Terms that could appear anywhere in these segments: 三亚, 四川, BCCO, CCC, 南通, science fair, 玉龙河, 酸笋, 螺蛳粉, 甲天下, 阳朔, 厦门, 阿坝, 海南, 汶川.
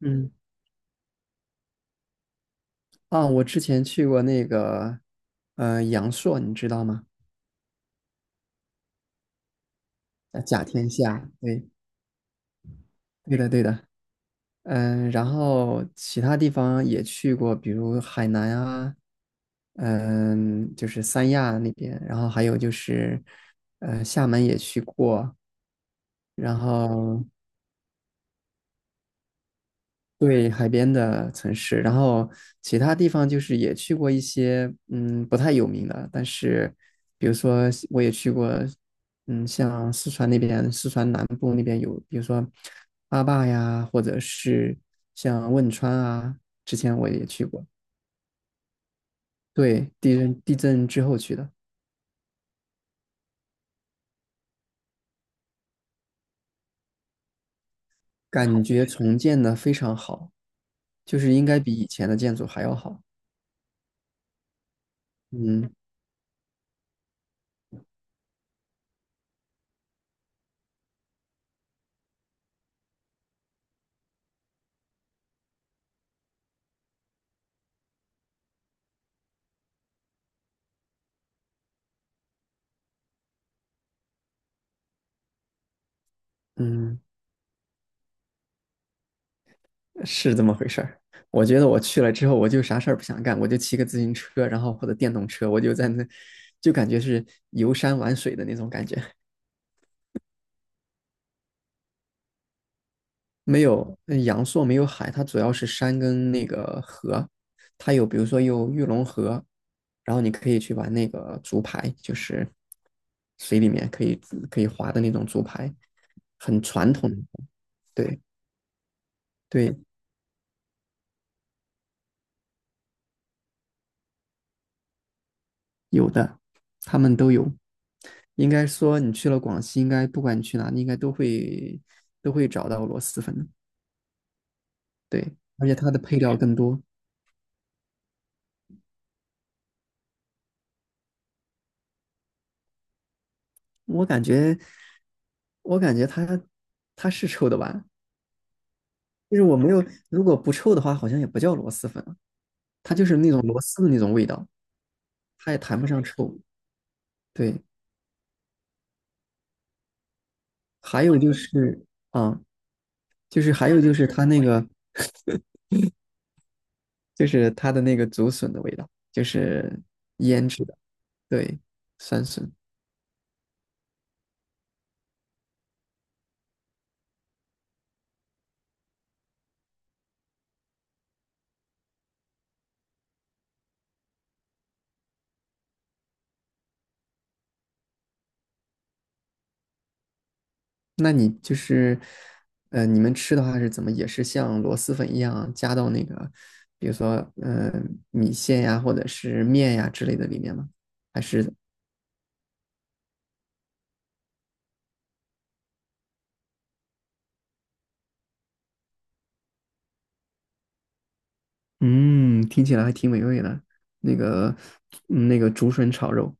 嗯，啊，我之前去过那个，阳朔，你知道吗？甲天下，对，对的，对的。然后其他地方也去过，比如海南啊，就是三亚那边。然后还有就是，厦门也去过。然后对，海边的城市。然后其他地方就是也去过一些，不太有名的，但是比如说我也去过。像四川那边，四川南部那边有，比如说阿坝呀，或者是像汶川啊，之前我也去过。对，地震之后去的。感觉重建的非常好，就是应该比以前的建筑还要好。嗯嗯。是这么回事儿。我觉得我去了之后，我就啥事儿不想干，我就骑个自行车，然后或者电动车，我就在那，就感觉是游山玩水的那种感觉。没有，阳朔没有海，它主要是山跟那个河。它有，比如说有玉龙河，然后你可以去玩那个竹排，就是水里面可以划的那种竹排，很传统的。对对，有的，他们都有。应该说你去了广西，应该不管你去哪里，应该都会找到螺蛳粉。对，而且它的配料更多。我感觉，我感觉它是臭的吧？就是我没有，如果不臭的话，好像也不叫螺蛳粉了。它就是那种螺丝的那种味道，它也谈不上臭。对，还有就是啊，就是还有就是它那个，就是它的那个竹笋的味道，就是腌制的。对，酸笋。那你就是，你们吃的话是怎么，也是像螺蛳粉一样加到那个，比如说，呃，米线呀，或者是面呀之类的里面吗？还是，嗯，听起来还挺美味的。那个，那个竹笋炒肉。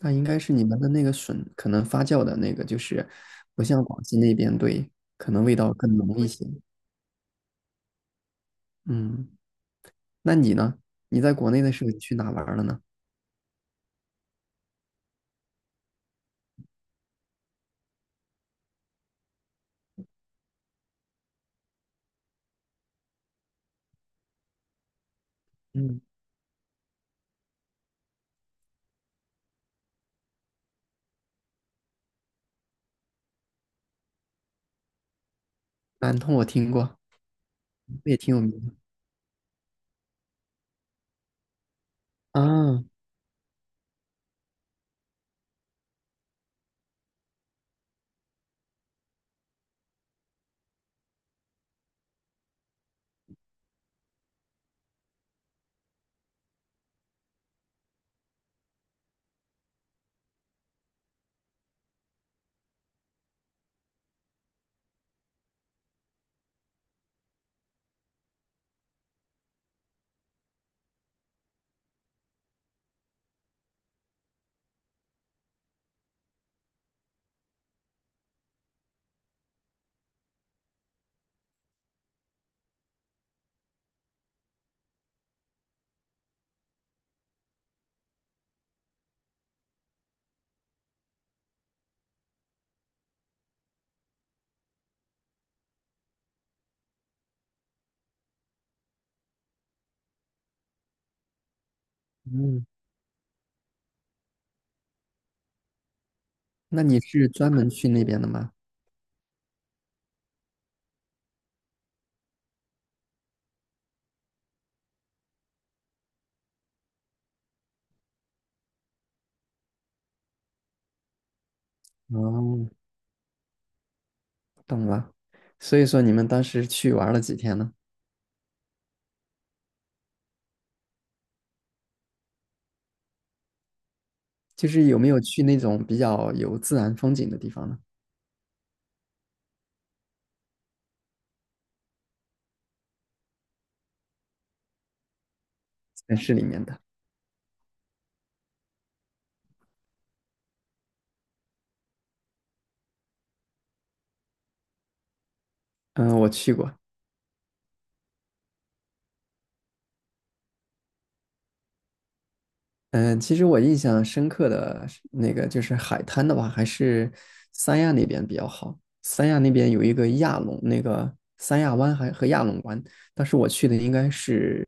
那应该是你们的那个笋可能发酵的那个，就是不像广西那边。对，可能味道更浓一些。嗯，那你呢？你在国内的时候去哪玩了呢？嗯，南通我听过，也挺有名的。啊，嗯，那你是专门去那边的吗？哦，懂了。所以说你们当时去玩了几天呢？就是有没有去那种比较有自然风景的地方呢？城市里面的。嗯，我去过。嗯，其实我印象深刻的是那个，就是海滩的话，还是三亚那边比较好。三亚那边有一个亚龙，那个三亚湾还和亚龙湾，当时我去的应该是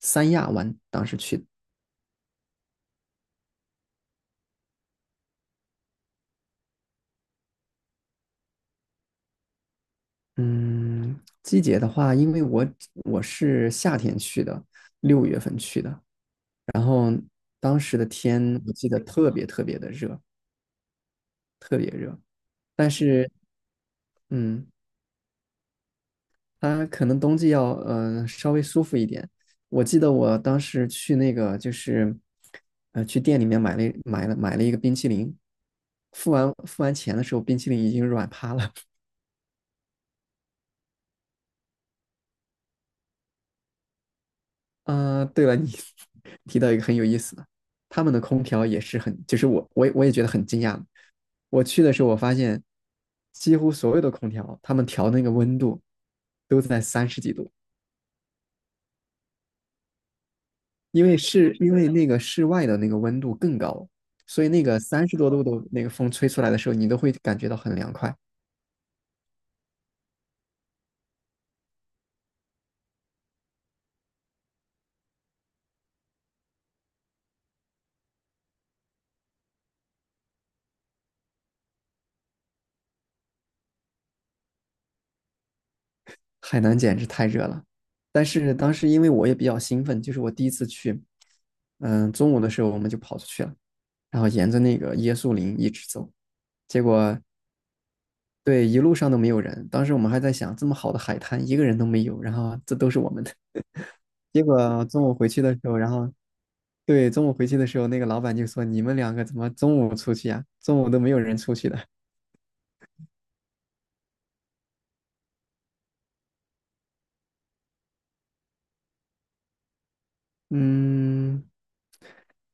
三亚湾，当时去的。嗯，季节的话，因为我是夏天去的，6月份去的。然后当时的天我记得特别特别的热，但是嗯，它可能冬季要稍微舒服一点。我记得我当时去那个，就是去店里面买了一个冰淇淋，付完钱的时候，冰淇淋已经软趴了。啊，对了，你 提到一个很有意思的。他们的空调也是很，就是我也觉得很惊讶。我去的时候，我发现几乎所有的空调，他们调那个温度都在三十几度，因为那个室外的那个温度更高，所以那个三十多度的那个风吹出来的时候，你都会感觉到很凉快。海南简直太热了，但是当时因为我也比较兴奋，就是我第一次去，中午的时候我们就跑出去了。然后沿着那个椰树林一直走，结果对，一路上都没有人。当时我们还在想，这么好的海滩，一个人都没有，然后这都是我们的。结果中午回去的时候，然后对，中午回去的时候，那个老板就说：“你们两个怎么中午出去呀、中午都没有人出去的。”嗯，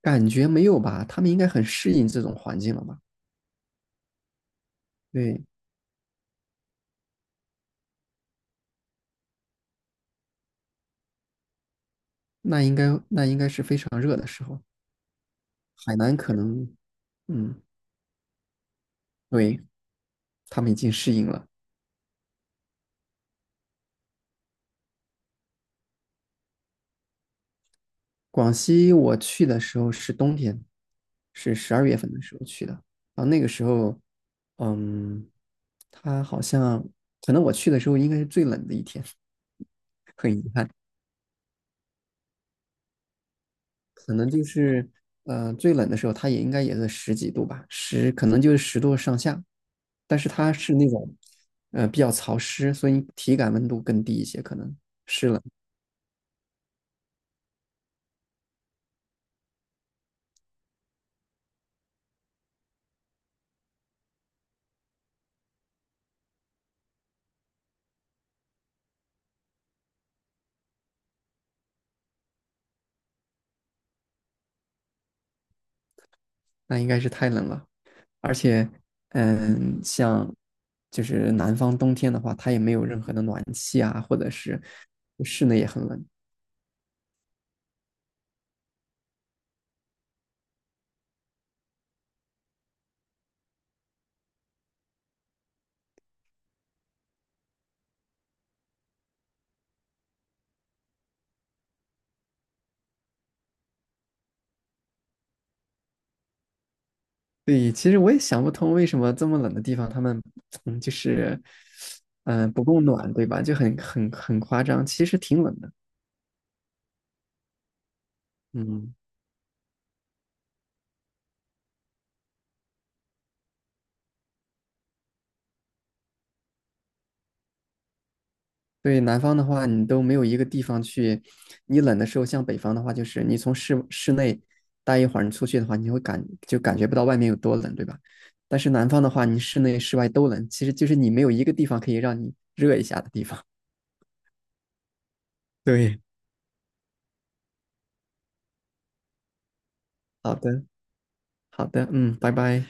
感觉没有吧？他们应该很适应这种环境了吧？对，那应该是非常热的时候，海南可能，嗯，对，他们已经适应了。广西我去的时候是冬天，是12月份的时候去的。然后那个时候，嗯，它好像可能我去的时候应该是最冷的一天。很遗憾。可能就是最冷的时候，它也应该也是十几度吧，十可能就是10度上下，但是它是那种比较潮湿，所以体感温度更低一些，可能那应该是太冷了。而且，像，就是南方冬天的话，它也没有任何的暖气啊，或者是室内也很冷。对，其实我也想不通为什么这么冷的地方，他们就是不够暖，对吧？就很很很夸张，其实挺冷的。嗯。对，南方的话，你都没有一个地方去。你冷的时候，像北方的话，就是你从室内待一会儿，你出去的话，你会就感觉不到外面有多冷，对吧？但是南方的话，你室内室外都冷，其实就是你没有一个地方可以让你热一下的地方。对，好的，好的，嗯，拜拜。